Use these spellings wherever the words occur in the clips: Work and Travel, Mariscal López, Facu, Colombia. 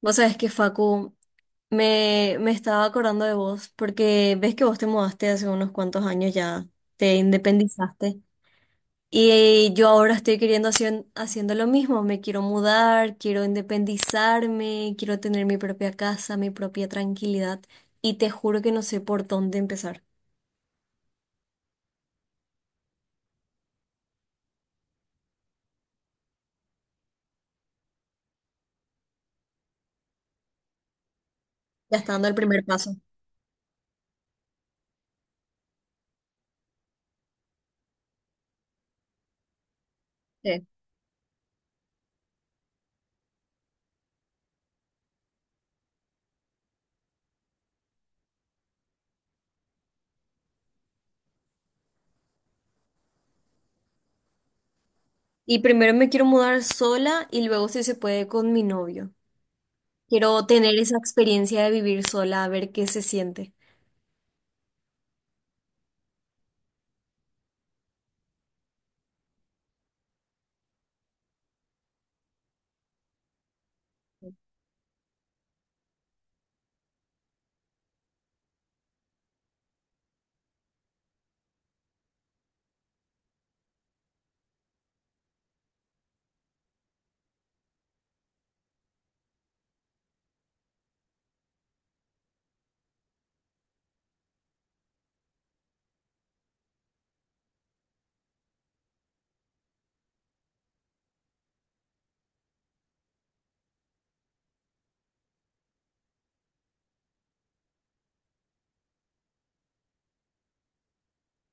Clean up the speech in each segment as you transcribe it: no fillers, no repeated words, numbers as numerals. Vos sabés que Facu, me estaba acordando de vos, porque ves que vos te mudaste hace unos cuantos años ya, te independizaste. Y yo ahora estoy haciendo lo mismo, me quiero mudar, quiero independizarme, quiero tener mi propia casa, mi propia tranquilidad. Y te juro que no sé por dónde empezar. Ya está dando el primer paso. Sí. Y primero me quiero mudar sola y luego si se puede con mi novio. Quiero tener esa experiencia de vivir sola, a ver qué se siente.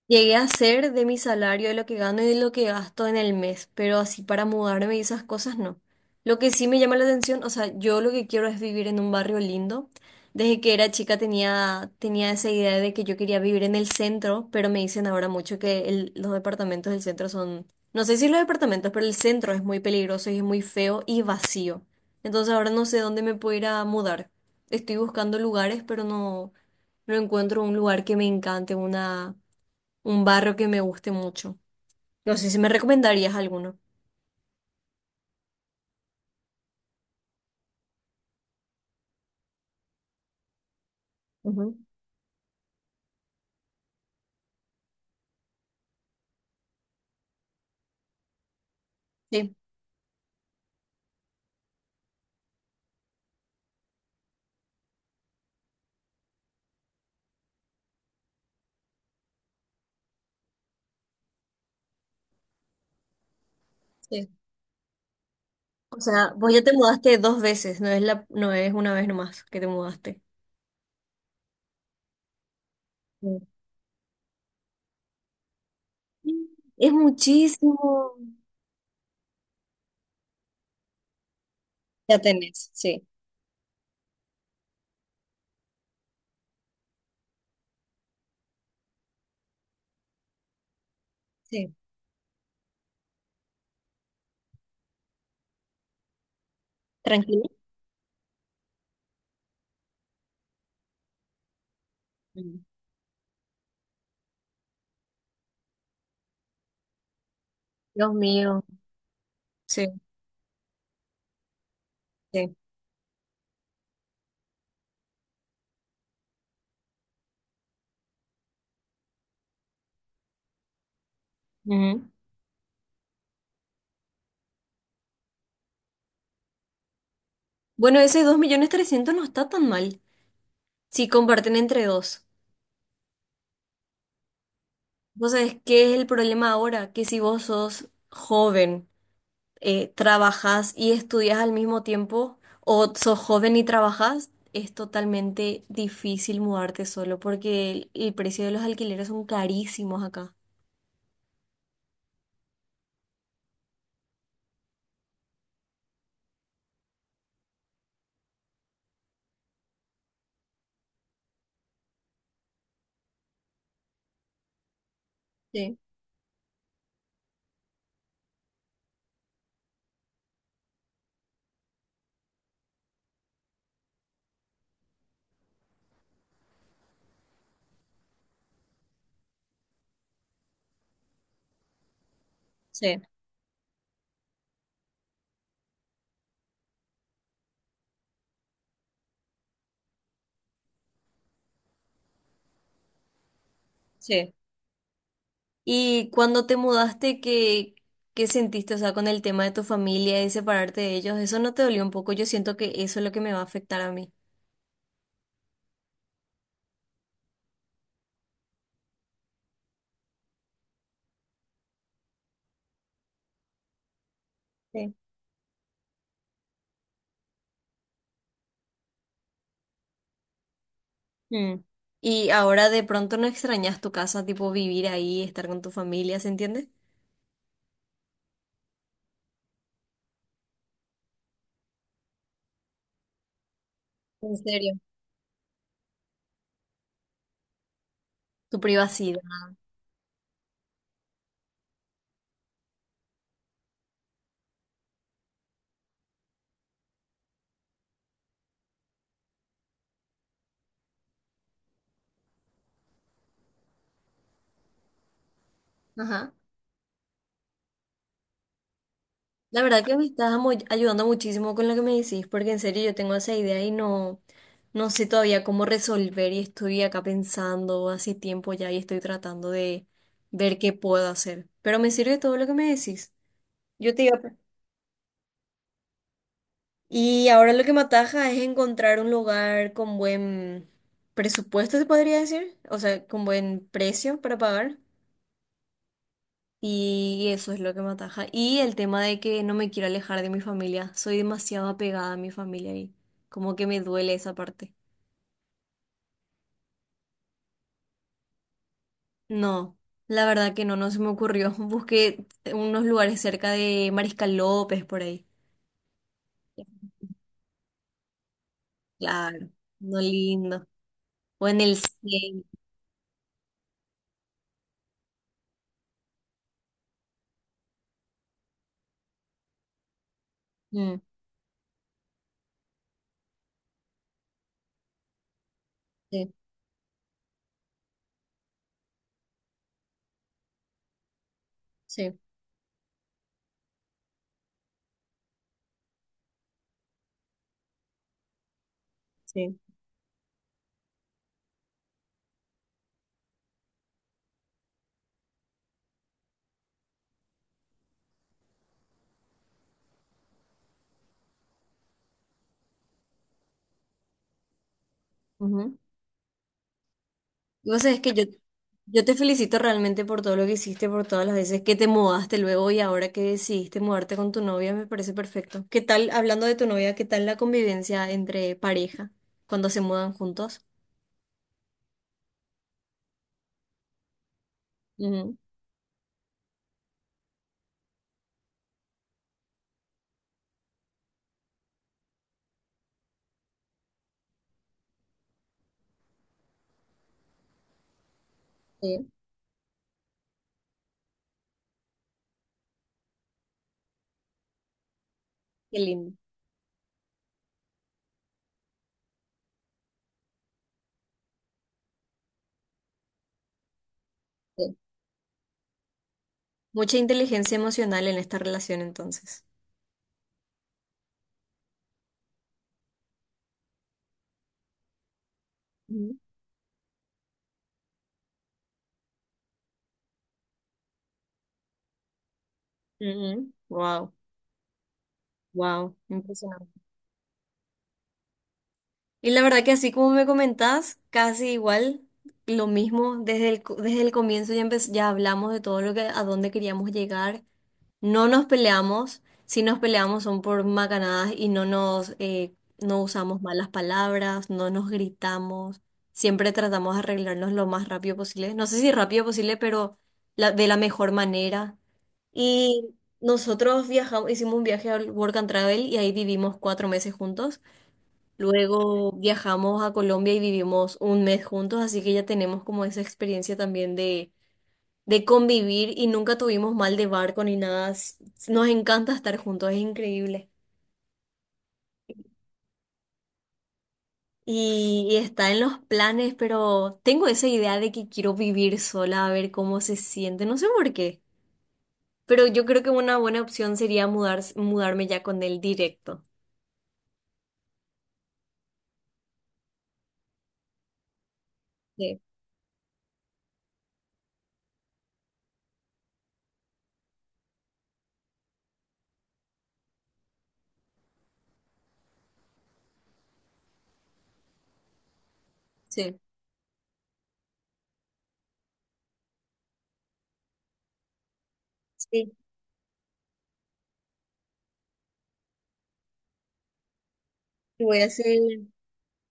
Llegué a hacer de mi salario, de lo que gano y de lo que gasto en el mes, pero así para mudarme y esas cosas no. Lo que sí me llama la atención, o sea, yo lo que quiero es vivir en un barrio lindo. Desde que era chica tenía esa idea de que yo quería vivir en el centro, pero me dicen ahora mucho que los departamentos del centro son, no sé si los departamentos, pero el centro es muy peligroso y es muy feo y vacío. Entonces ahora no sé dónde me puedo ir a mudar. Estoy buscando lugares, no encuentro un lugar que me encante, una... Un barro que me guste mucho. No sé si me recomendarías alguno. Ujú. Sí, sí. O sea, vos ya te mudaste dos veces, no es una vez nomás que te mudaste. Sí. Es muchísimo. Ya tenés, sí, sí. Tranquilo. Mm. Dios mío. Sí. Sí. Ujú. Bueno, ese 2.300.000 no está tan mal si comparten entre dos. ¿Vos sabés qué es el problema ahora? Que si vos sos joven trabajas y estudias al mismo tiempo o sos joven y trabajas, es totalmente difícil mudarte solo porque el precio de los alquileres son carísimos acá. Sí, sí, sí. Y cuando te mudaste, ¿qué, qué sentiste? O sea, con el tema de tu familia y separarte de ellos, ¿eso no te dolió un poco? Yo siento que eso es lo que me va a afectar a mí. Sí. Mm. Y ahora de pronto no extrañas tu casa, tipo vivir ahí, estar con tu familia, ¿se entiende? En serio. Tu privacidad. Ajá. La verdad que me estás ayudando muchísimo con lo que me decís, porque en serio yo tengo esa idea y no sé todavía cómo resolver y estoy acá pensando hace tiempo ya y estoy tratando de ver qué puedo hacer. Pero me sirve todo lo que me decís. Yo te iba a pre- Y ahora lo que me ataja es encontrar un lugar con buen presupuesto, se podría decir, o sea, con buen precio para pagar. Y eso es lo que me ataja. Y el tema de que no me quiero alejar de mi familia. Soy demasiado apegada a mi familia y como que me duele esa parte. No, la verdad que no, no se me ocurrió. Busqué unos lugares cerca de Mariscal López por ahí. Claro, no lindo. O en el 100. Mm, sí, sí, sí. Vos sabés que yo te felicito realmente por todo lo que hiciste, por todas las veces que te mudaste luego y ahora que decidiste mudarte con tu novia, me parece perfecto. ¿Qué tal, hablando de tu novia, qué tal la convivencia entre pareja cuando se mudan juntos? Ujú. Sí, qué lindo. Sí. Mucha inteligencia emocional en esta relación entonces. Wow, wow, impresionante. Y la verdad que así como me comentás, casi igual, lo mismo, desde el comienzo ya, ya hablamos de todo lo que, a dónde queríamos llegar, no nos peleamos, si nos peleamos son por macanadas y no usamos malas palabras, no nos gritamos, siempre tratamos de arreglarnos lo más rápido posible, no sé si rápido posible, pero de la mejor manera. Y nosotros viajamos, hicimos un viaje al Work and Travel y ahí vivimos 4 meses juntos. Luego viajamos a Colombia y vivimos 1 mes juntos, así que ya tenemos como esa experiencia también de convivir y nunca tuvimos mal de barco ni nada. S- Nos encanta estar juntos, es increíble. Y está en los planes, pero tengo esa idea de que quiero vivir sola, a ver cómo se siente, no sé por qué, pero yo creo que una buena opción sería mudarme ya con él directo. Sí, sí. Sí, voy a hacer.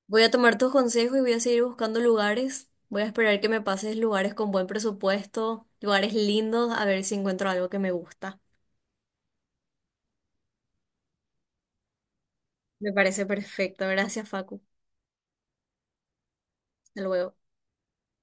Voy a tomar tus consejos y voy a seguir buscando lugares. Voy a esperar que me pases lugares con buen presupuesto, lugares lindos, a ver si encuentro algo que me gusta. Me parece perfecto. Gracias, Facu. Hasta luego.